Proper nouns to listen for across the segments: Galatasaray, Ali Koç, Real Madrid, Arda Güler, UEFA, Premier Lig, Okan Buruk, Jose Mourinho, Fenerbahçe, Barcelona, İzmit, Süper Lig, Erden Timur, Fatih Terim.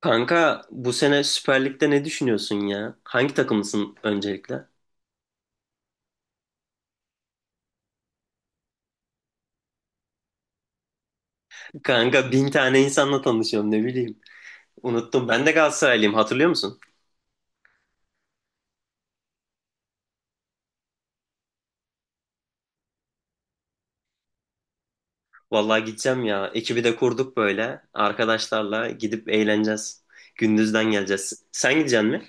Kanka bu sene Süper Lig'de ne düşünüyorsun ya? Hangi takımlısın öncelikle? Kanka bin tane insanla tanışıyorum ne bileyim. Unuttum ben de Galatasaraylıyım hatırlıyor musun? Vallahi gideceğim ya. Ekibi de kurduk böyle. Arkadaşlarla gidip eğleneceğiz. Gündüzden geleceğiz. Sen gideceksin mi?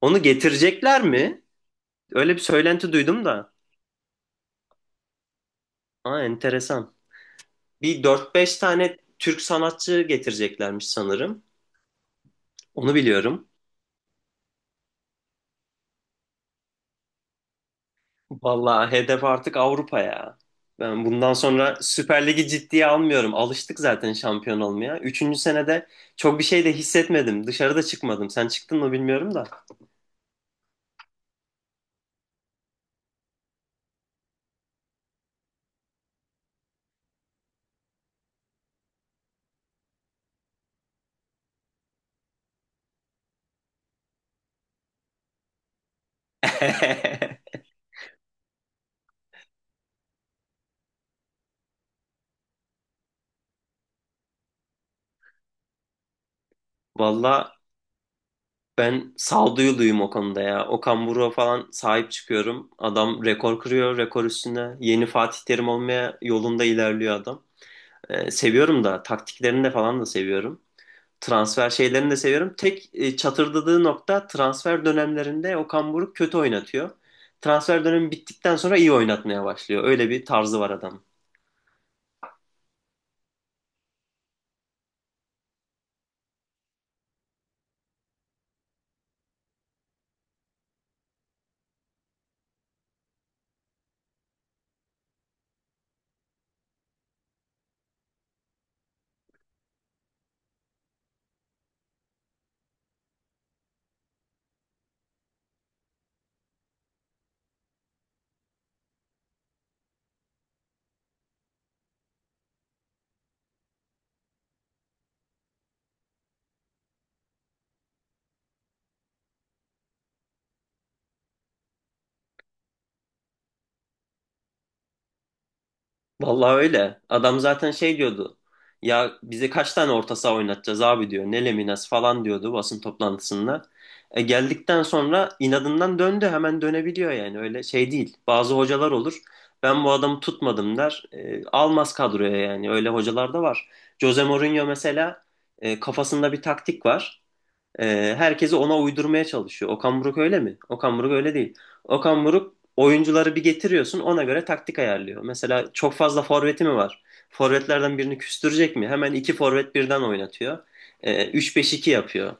Onu getirecekler mi? Öyle bir söylenti duydum da. Aa, enteresan. Bir dört beş tane Türk sanatçı getireceklermiş sanırım. Onu biliyorum. Vallahi hedef artık Avrupa ya. Ben bundan sonra Süper Lig'i ciddiye almıyorum. Alıştık zaten şampiyon olmaya. Üçüncü senede çok bir şey de hissetmedim. Dışarıda çıkmadım. Sen çıktın mı bilmiyorum da. Valla ben sağduyuluyum o konuda ya. Okan Buruk'a falan sahip çıkıyorum. Adam rekor kırıyor, rekor üstüne. Yeni Fatih Terim olmaya yolunda ilerliyor adam. Seviyorum da taktiklerini de falan da seviyorum. Transfer şeylerini de seviyorum. Tek çatırdadığı nokta transfer dönemlerinde Okan Buruk kötü oynatıyor. Transfer dönemi bittikten sonra iyi oynatmaya başlıyor. Öyle bir tarzı var adam. Vallahi öyle. Adam zaten şey diyordu. Ya bize kaç tane orta saha oynatacağız abi diyor. Ne Leminas falan diyordu basın toplantısında. E geldikten sonra inadından döndü. Hemen dönebiliyor yani. Öyle şey değil. Bazı hocalar olur. Ben bu adamı tutmadım der. Almaz kadroya yani. Öyle hocalar da var. Jose Mourinho mesela kafasında bir taktik var. Herkesi ona uydurmaya çalışıyor. Okan Buruk öyle mi? Okan Buruk öyle değil. Okan Buruk oyuncuları bir getiriyorsun ona göre taktik ayarlıyor. Mesela çok fazla forveti mi var? Forvetlerden birini küstürecek mi? Hemen iki forvet birden oynatıyor. 3-5-2 yapıyor.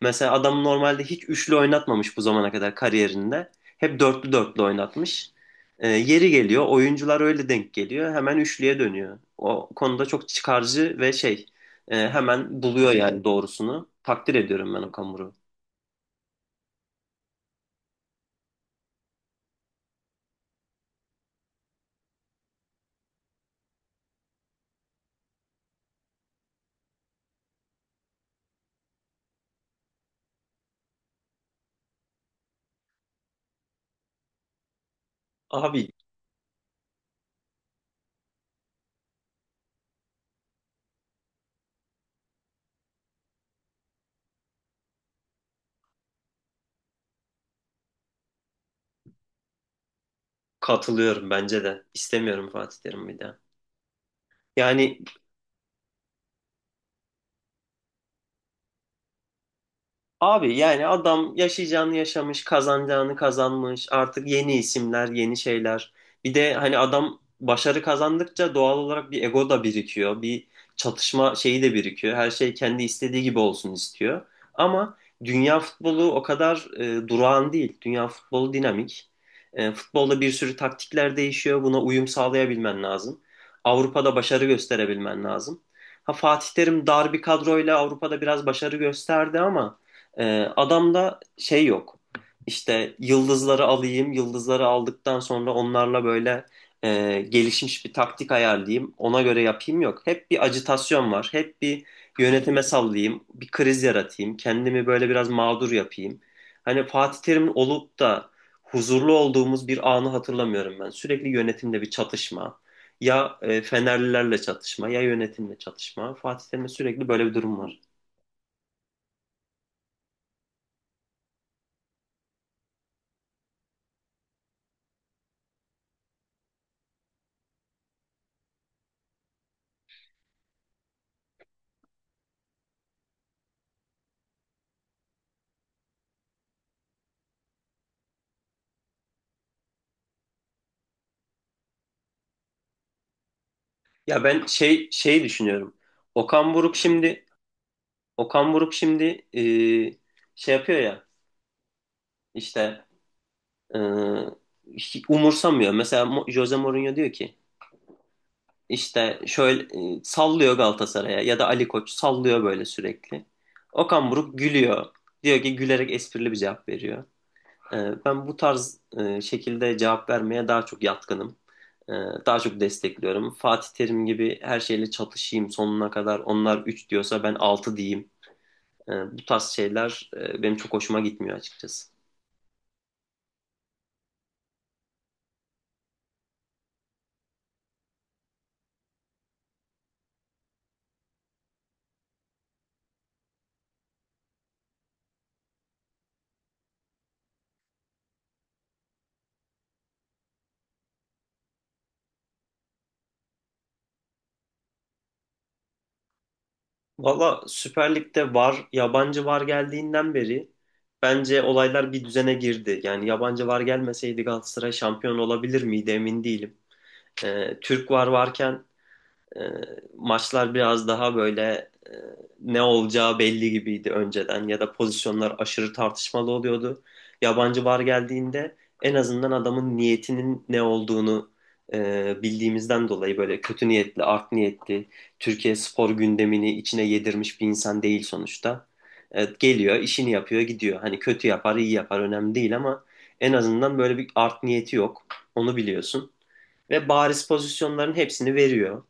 Mesela adam normalde hiç üçlü oynatmamış bu zamana kadar kariyerinde. Hep dörtlü dörtlü oynatmış. Yeri geliyor, oyuncular öyle denk geliyor. Hemen üçlüye dönüyor. O konuda çok çıkarcı ve hemen buluyor yani doğrusunu. Takdir ediyorum ben Okamuru. Abi katılıyorum bence de. İstemiyorum Fatih Terim bir daha. Yani. Abi, yani adam yaşayacağını yaşamış, kazanacağını kazanmış. Artık yeni isimler, yeni şeyler. Bir de hani adam başarı kazandıkça doğal olarak bir ego da birikiyor. Bir çatışma şeyi de birikiyor. Her şey kendi istediği gibi olsun istiyor. Ama dünya futbolu o kadar durağan değil. Dünya futbolu dinamik. Futbolda bir sürü taktikler değişiyor. Buna uyum sağlayabilmen lazım. Avrupa'da başarı gösterebilmen lazım. Ha Fatih Terim dar bir kadroyla Avrupa'da biraz başarı gösterdi ama ee, adamda şey yok. İşte yıldızları alayım, yıldızları aldıktan sonra onlarla böyle gelişmiş bir taktik ayarlayayım, ona göre yapayım yok. Hep bir acitasyon var, hep bir yönetime sallayayım, bir kriz yaratayım, kendimi böyle biraz mağdur yapayım. Hani Fatih Terim'in olup da huzurlu olduğumuz bir anı hatırlamıyorum ben. Sürekli yönetimde bir çatışma. Ya Fenerlilerle çatışma, ya yönetimle çatışma. Fatih Terim'de sürekli böyle bir durum var. Ya ben şey düşünüyorum. Okan Buruk şimdi Okan Buruk şimdi e, şey yapıyor ya işte e, hiç umursamıyor. Mesela Jose Mourinho diyor ki işte şöyle sallıyor Galatasaray'a ya da Ali Koç sallıyor böyle sürekli. Okan Buruk gülüyor. Diyor ki gülerek esprili bir cevap veriyor. Ben bu tarz şekilde cevap vermeye daha çok yatkınım. Ee, Daha çok destekliyorum. Fatih Terim gibi her şeyle çatışayım sonuna kadar. Onlar 3 diyorsa ben 6 diyeyim. Ee, Bu tarz şeyler benim çok hoşuma gitmiyor açıkçası. Valla Süper Lig'de VAR, yabancı VAR geldiğinden beri bence olaylar bir düzene girdi. Yani yabancı VAR gelmeseydi Galatasaray şampiyon olabilir miydi emin değilim. Türk VAR varken E, maçlar biraz daha böyle e, ne olacağı belli gibiydi önceden ya da pozisyonlar aşırı tartışmalı oluyordu. Yabancı VAR geldiğinde en azından adamın niyetinin ne olduğunu bildiğimizden dolayı böyle kötü niyetli, art niyetli, Türkiye spor gündemini içine yedirmiş bir insan değil sonuçta. Geliyor, işini yapıyor, gidiyor. Hani kötü yapar, iyi yapar önemli değil ama en azından böyle bir art niyeti yok. Onu biliyorsun. Ve bariz pozisyonların hepsini veriyor.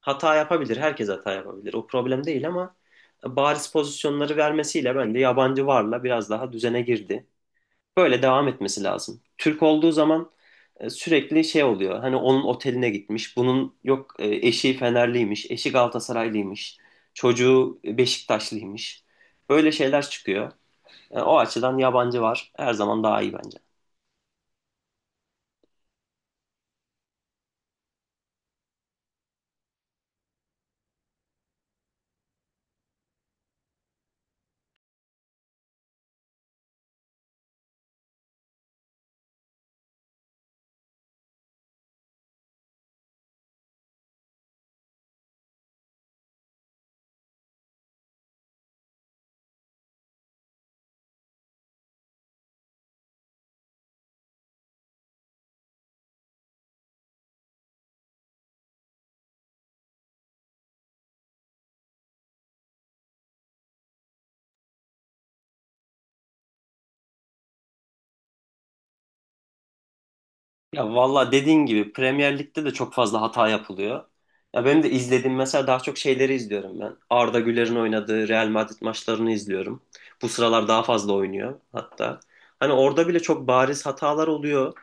Hata yapabilir. Herkes hata yapabilir. O problem değil ama bariz pozisyonları vermesiyle bence yabancı varla biraz daha düzene girdi. Böyle devam etmesi lazım. Türk olduğu zaman sürekli şey oluyor. Hani onun oteline gitmiş. Bunun yok eşi Fenerliymiş, eşi Galatasaraylıymış, çocuğu Beşiktaşlıymış. Böyle şeyler çıkıyor. O açıdan yabancı var. Her zaman daha iyi bence. Ya valla dediğin gibi Premier Lig'de de çok fazla hata yapılıyor. Ya benim de izlediğim mesela daha çok şeyleri izliyorum ben. Arda Güler'in oynadığı Real Madrid maçlarını izliyorum. Bu sıralar daha fazla oynuyor hatta. Hani orada bile çok bariz hatalar oluyor.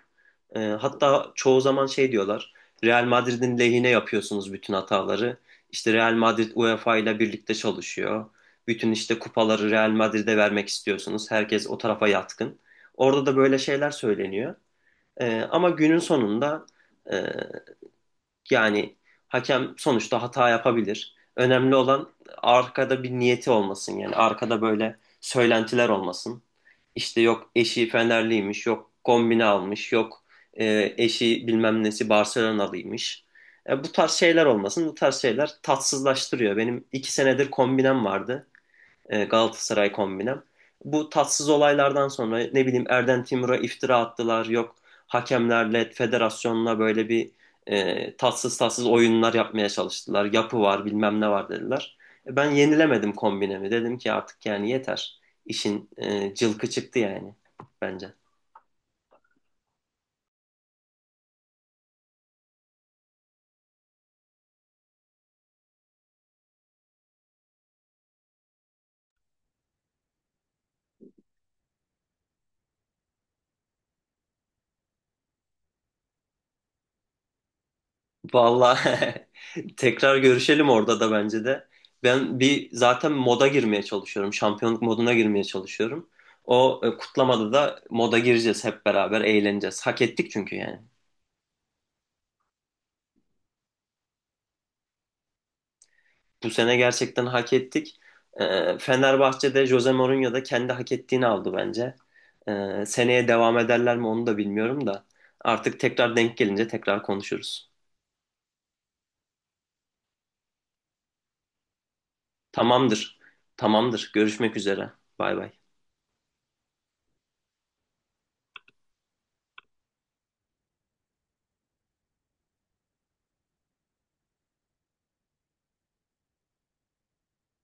Hatta çoğu zaman şey diyorlar. Real Madrid'in lehine yapıyorsunuz bütün hataları. İşte Real Madrid UEFA ile birlikte çalışıyor. Bütün işte kupaları Real Madrid'e vermek istiyorsunuz. Herkes o tarafa yatkın. Orada da böyle şeyler söyleniyor. Ama günün sonunda e, yani hakem sonuçta hata yapabilir. Önemli olan arkada bir niyeti olmasın. Yani arkada böyle söylentiler olmasın. İşte yok eşi Fenerliymiş, yok kombine almış, yok eşi bilmem nesi Barcelonalıymış. Bu tarz şeyler olmasın. Bu tarz şeyler tatsızlaştırıyor. Benim 2 senedir kombinem vardı Galatasaray kombinem. Bu tatsız olaylardan sonra ne bileyim Erden Timur'a iftira attılar. Yok hakemlerle, federasyonla böyle bir tatsız tatsız oyunlar yapmaya çalıştılar. Yapı var, bilmem ne var dediler. Ben yenilemedim kombinemi. Dedim ki artık yani yeter. İşin cılkı çıktı yani bence. Vallahi tekrar görüşelim orada da bence de. Ben bir zaten moda girmeye çalışıyorum. Şampiyonluk moduna girmeye çalışıyorum. O kutlamada da moda gireceğiz hep beraber eğleneceğiz. Hak ettik çünkü yani. Bu sene gerçekten hak ettik. Fenerbahçe'de Jose Mourinho da kendi hak ettiğini aldı bence. Seneye devam ederler mi onu da bilmiyorum da. Artık tekrar denk gelince tekrar konuşuruz. Tamamdır. Tamamdır. Görüşmek üzere. Bay bay.